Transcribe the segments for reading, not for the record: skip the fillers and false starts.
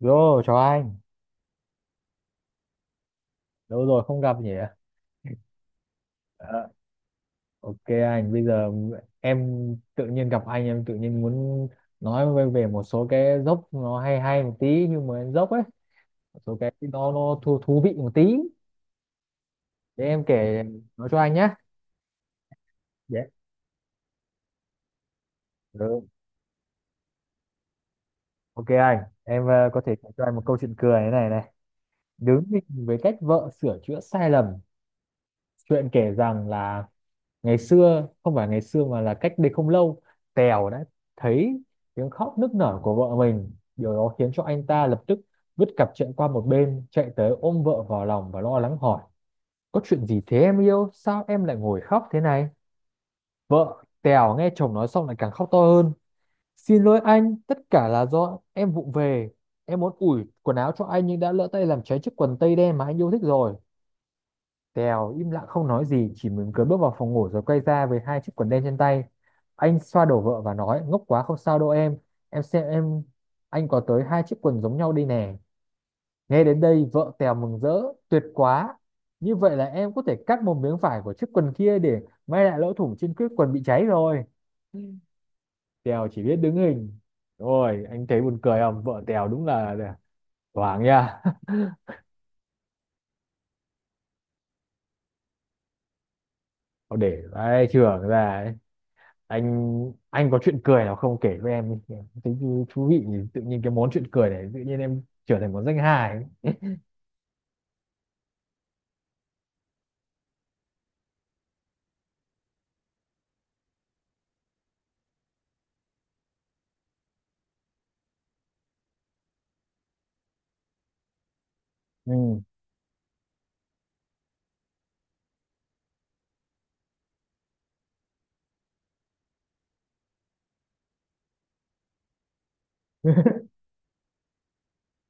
Yo, chào anh. Lâu rồi không gặp nhỉ? Ờ, Ok anh, bây giờ em tự nhiên gặp anh em tự nhiên muốn nói về một số cái dốc nó hay hay một tí nhưng mà dốc ấy, một số cái nó thú vị một tí. Để em kể nói cho anh nhé. dạ. Ừ. Ok anh, em có thể kể cho anh một câu chuyện cười thế này này. Đứng nhìn với cách vợ sửa chữa sai lầm. Chuyện kể rằng là ngày xưa không phải ngày xưa mà là cách đây không lâu, Tèo đã thấy tiếng khóc nức nở của vợ mình. Điều đó khiến cho anh ta lập tức vứt cặp chuyện qua một bên, chạy tới ôm vợ vào lòng và lo lắng hỏi, có chuyện gì thế em yêu, sao em lại ngồi khóc thế này? Vợ Tèo nghe chồng nói xong lại càng khóc to hơn. Xin lỗi anh, tất cả là do em vụng về, em muốn ủi quần áo cho anh nhưng đã lỡ tay làm cháy chiếc quần tây đen mà anh yêu thích rồi. Tèo im lặng không nói gì, chỉ mỉm cười bước vào phòng ngủ rồi quay ra với hai chiếc quần đen trên tay. Anh xoa đầu vợ và nói, ngốc quá không sao đâu em xem em, anh có tới hai chiếc quần giống nhau đây nè. Nghe đến đây, vợ Tèo mừng rỡ, tuyệt quá. Như vậy là em có thể cắt một miếng vải của chiếc quần kia để may lại lỗ thủng trên chiếc quần bị cháy rồi. Ừ. Tèo chỉ biết đứng hình. Rồi, anh thấy buồn cười không? Vợ Tèo đúng là thoáng nha. Để vai trưởng ra ấy. Anh có chuyện cười nào không, kể với em đi. Em thấy thú vị nhỉ? Tự nhiên cái món chuyện cười này tự nhiên em trở thành món danh hài ấy. Ừ.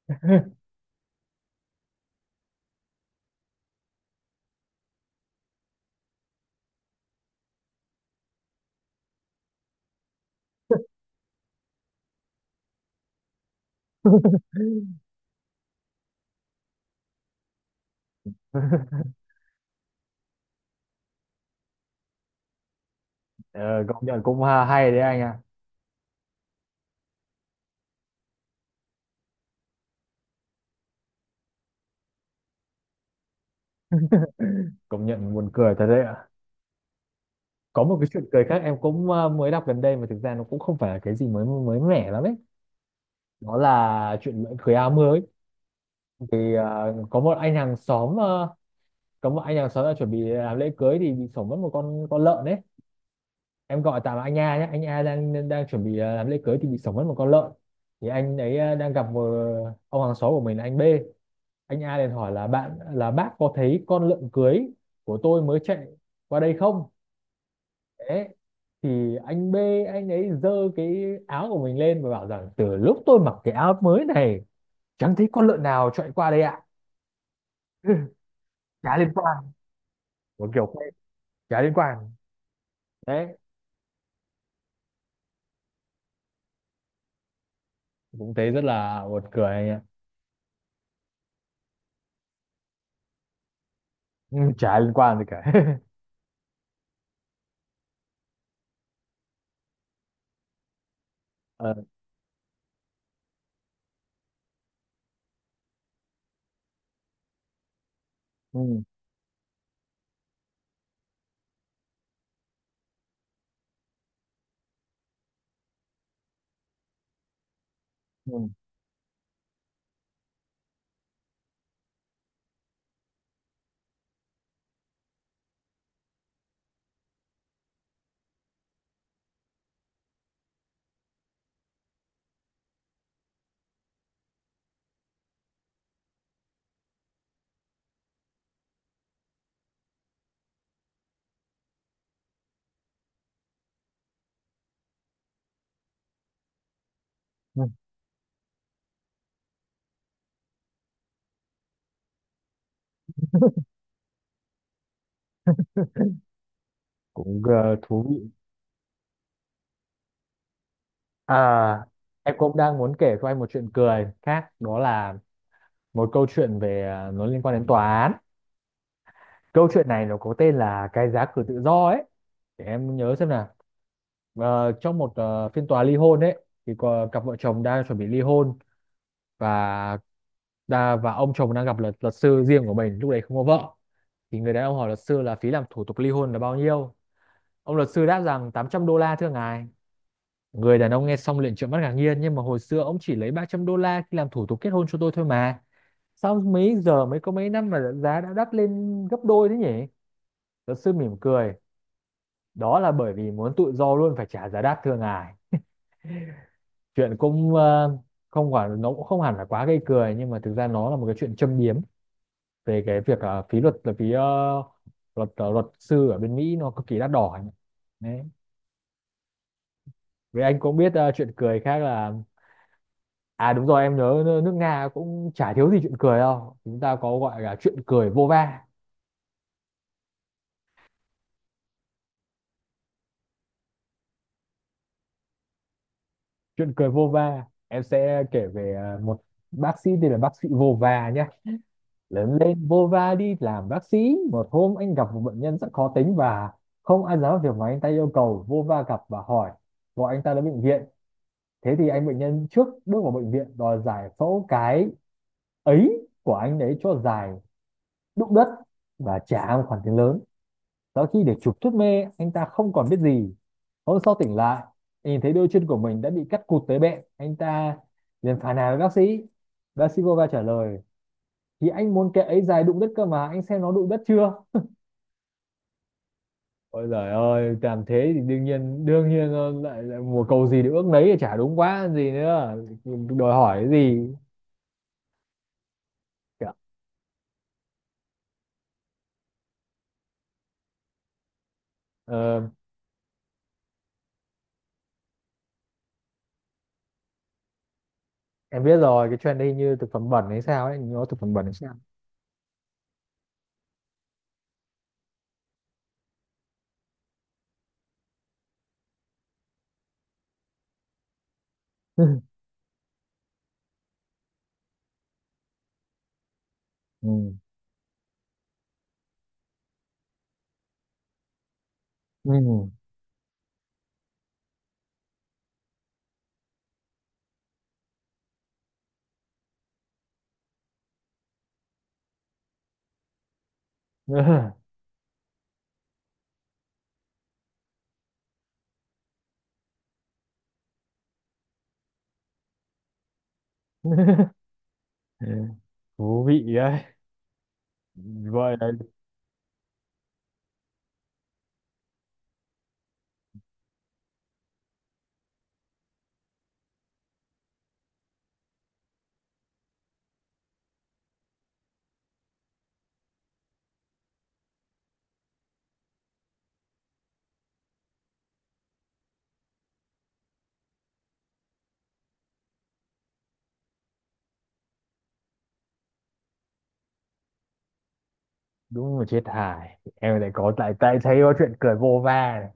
Ờ, công nhận cũng hay đấy anh ạ. Công nhận buồn cười thật đấy ạ. Có một cái chuyện cười khác em cũng mới đọc gần đây mà thực ra nó cũng không phải là cái gì mới mới mẻ lắm ấy. Đó là chuyện lễ cưới áo mới. Thì có một anh hàng xóm đã chuẩn bị làm lễ cưới thì bị sổng mất một con lợn đấy. Em gọi tạm là anh A nhé, anh A đang đang chuẩn bị làm lễ cưới thì bị sổng mất một con lợn. Thì anh ấy đang gặp một ông hàng xóm của mình là anh B. Anh A liền hỏi là bạn là bác có thấy con lợn cưới của tôi mới chạy qua đây không? Đấy. Thì anh B, anh ấy giơ cái áo của mình lên và bảo rằng từ lúc tôi mặc cái áo mới này chẳng thấy con lợn nào chạy qua đây ạ. Chả liên quan. Một kiểu chả liên quan. Đấy, cũng thấy rất là buồn cười anh ạ. Ừ, chả liên quan gì cả. Ờ, ừ, ừ. Ừ, cũng thú vị. À, em cũng đang muốn kể cho anh một chuyện cười khác, đó là một câu chuyện về, nó liên quan đến tòa án. Câu chuyện này nó có tên là cái giá cử tự do ấy. Để em nhớ xem nào. Ờ, trong một phiên tòa ly hôn ấy thì có cặp vợ chồng đang chuẩn bị ly hôn. Và và ông chồng đang gặp luật luật sư riêng của mình lúc đấy không có vợ. Thì người đàn ông hỏi luật sư là phí làm thủ tục ly hôn là bao nhiêu. Ông luật sư đáp rằng $800 thưa ngài. Người đàn ông nghe xong liền trợn mắt ngạc nhiên, nhưng mà hồi xưa ông chỉ lấy $300 khi làm thủ tục kết hôn cho tôi thôi mà. Sao mấy giờ mới có mấy năm mà giá đã đắt lên gấp đôi thế nhỉ? Luật sư mỉm cười. Đó là bởi vì muốn tự do luôn phải trả giá đắt thưa ngài. Chuyện cũng không quả nó cũng không hẳn là quá gây cười, nhưng mà thực ra nó là một cái chuyện châm biếm về cái việc phí luật là phí luật luật sư ở bên Mỹ nó cực kỳ đắt đỏ ấy. Đấy. Với anh cũng biết chuyện cười khác là, à đúng rồi, em nhớ nước Nga cũng chả thiếu gì chuyện cười đâu. Chúng ta có gọi là chuyện cười vô va. Chuyện cười vô va. Em sẽ kể về một bác sĩ tên là bác sĩ vô va nhé. Lớn lên vô va đi làm bác sĩ. Một hôm anh gặp một bệnh nhân rất khó tính và không ăn dám việc mà anh ta yêu cầu. Vô va gặp và hỏi gọi anh ta đến bệnh viện. Thế thì anh bệnh nhân trước bước vào bệnh viện đòi giải phẫu cái ấy của anh ấy cho dài đụng đất và trả một khoản tiền lớn. Sau khi được chụp thuốc mê, anh ta không còn biết gì. Hôm sau tỉnh lại, nhìn thấy đôi chân của mình đã bị cắt cụt tới bẹn. Anh ta liền phàn nàn với bác sĩ. Bác sĩ vô va trả lời, thì anh muốn kệ ấy dài đụng đất cơ mà, anh xem nó đụng đất chưa? Ôi giời ơi, làm thế thì đương nhiên lại, lại mùa cầu gì được ước nấy thì chả đúng quá gì nữa. Đòi hỏi cái gì? Ờ, em biết rồi, cái trend đây như thực phẩm bẩn hay sao ấy, nó thực phẩm bẩn hay sao? Ừ. Ừ. Thú vị đấy. Voi đấy, đúng là chết hài. Em lại có lại tại thấy có chuyện cười vô va này.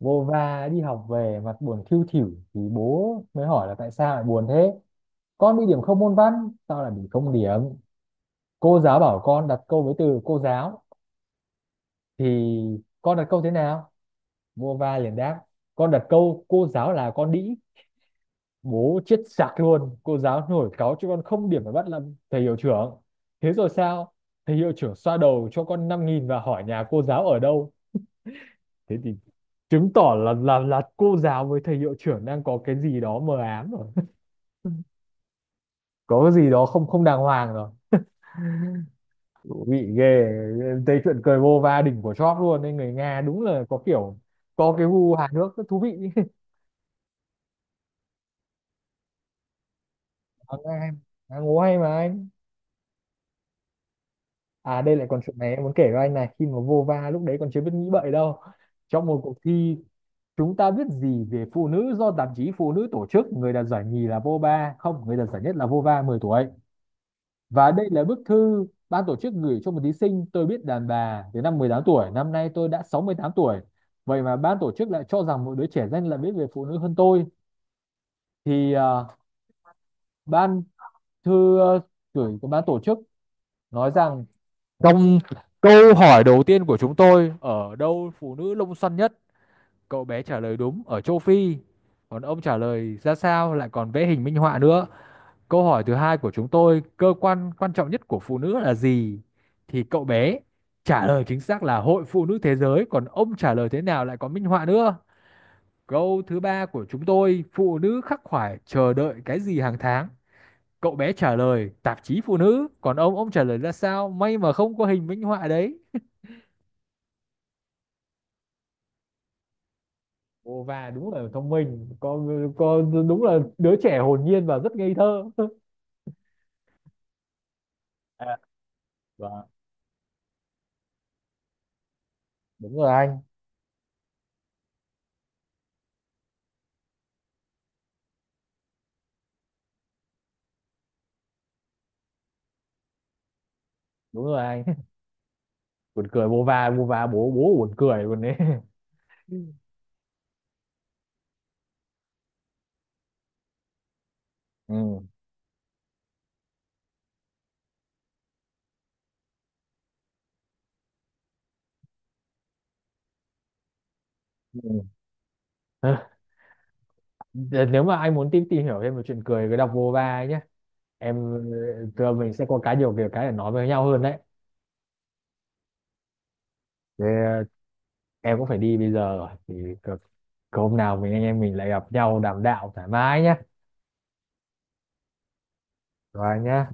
Vô va đi học về mặt buồn thiu thỉu thì bố mới hỏi là tại sao lại buồn thế. Con bị điểm không môn văn, tao lại bị không điểm. Cô giáo bảo con đặt câu với từ cô giáo thì con đặt câu thế nào. Vô va liền đáp, con đặt câu cô giáo là con đĩ. Bố chết sặc luôn, cô giáo nổi cáu cho con không điểm phải bắt làm thầy hiệu trưởng. Thế rồi sao? Thầy hiệu trưởng xoa đầu cho con 5.000 và hỏi nhà cô giáo ở đâu. Thế thì chứng tỏ là cô giáo với thầy hiệu trưởng đang có cái gì đó mờ ám rồi. Có cái gì đó không không đàng hoàng rồi bị ghê. Thấy chuyện cười vô va đỉnh của chóp luôn nên người Nga đúng là có kiểu có cái gu hài hước rất thú vị. Ờ, Nga em, Nga ngố hay mà anh. À đây lại còn chuyện này em muốn kể với anh này, khi mà vô va lúc đấy còn chưa biết nghĩ bậy đâu. Trong một cuộc thi chúng ta biết gì về phụ nữ do tạp chí phụ nữ tổ chức, người đạt giải nhì là Vova không, người đạt giải nhất là Vova 10 tuổi. Và đây là bức thư ban tổ chức gửi cho một thí sinh, tôi biết đàn bà từ năm 18 tuổi, năm nay tôi đã 68 tuổi. Vậy mà ban tổ chức lại cho rằng một đứa trẻ danh là biết về phụ nữ hơn tôi. Thì ban thư gửi của ban tổ chức nói rằng, trong câu hỏi đầu tiên của chúng tôi, ở đâu phụ nữ lông xoăn nhất? Cậu bé trả lời đúng, ở châu Phi. Còn ông trả lời ra sao, lại còn vẽ hình minh họa nữa. Câu hỏi thứ hai của chúng tôi, cơ quan quan trọng nhất của phụ nữ là gì? Thì cậu bé trả lời chính xác là Hội Phụ nữ Thế giới, còn ông trả lời thế nào lại có minh họa nữa. Câu thứ ba của chúng tôi, phụ nữ khắc khoải chờ đợi cái gì hàng tháng? Cậu bé trả lời tạp chí phụ nữ, còn ông trả lời ra sao? May mà không có hình minh họa đấy. Ồ và đúng là thông minh, con đúng là đứa trẻ hồn nhiên và rất ngây thơ. À, vâng, đúng rồi anh, đúng rồi anh. Buồn cười Bova Bova, bố bố buồn cười luôn đấy. Ừ. Ừ. Ừ. Nếu mà anh muốn tìm tìm hiểu thêm về chuyện cười cứ đọc Bova ấy nhé. Em tụi mình sẽ có cái nhiều kiểu cái để nói với nhau hơn đấy. Thế, em cũng phải đi bây giờ rồi thì cực- hôm nào mình anh em mình lại gặp nhau đàm đạo thoải mái nhé. Rồi nhé.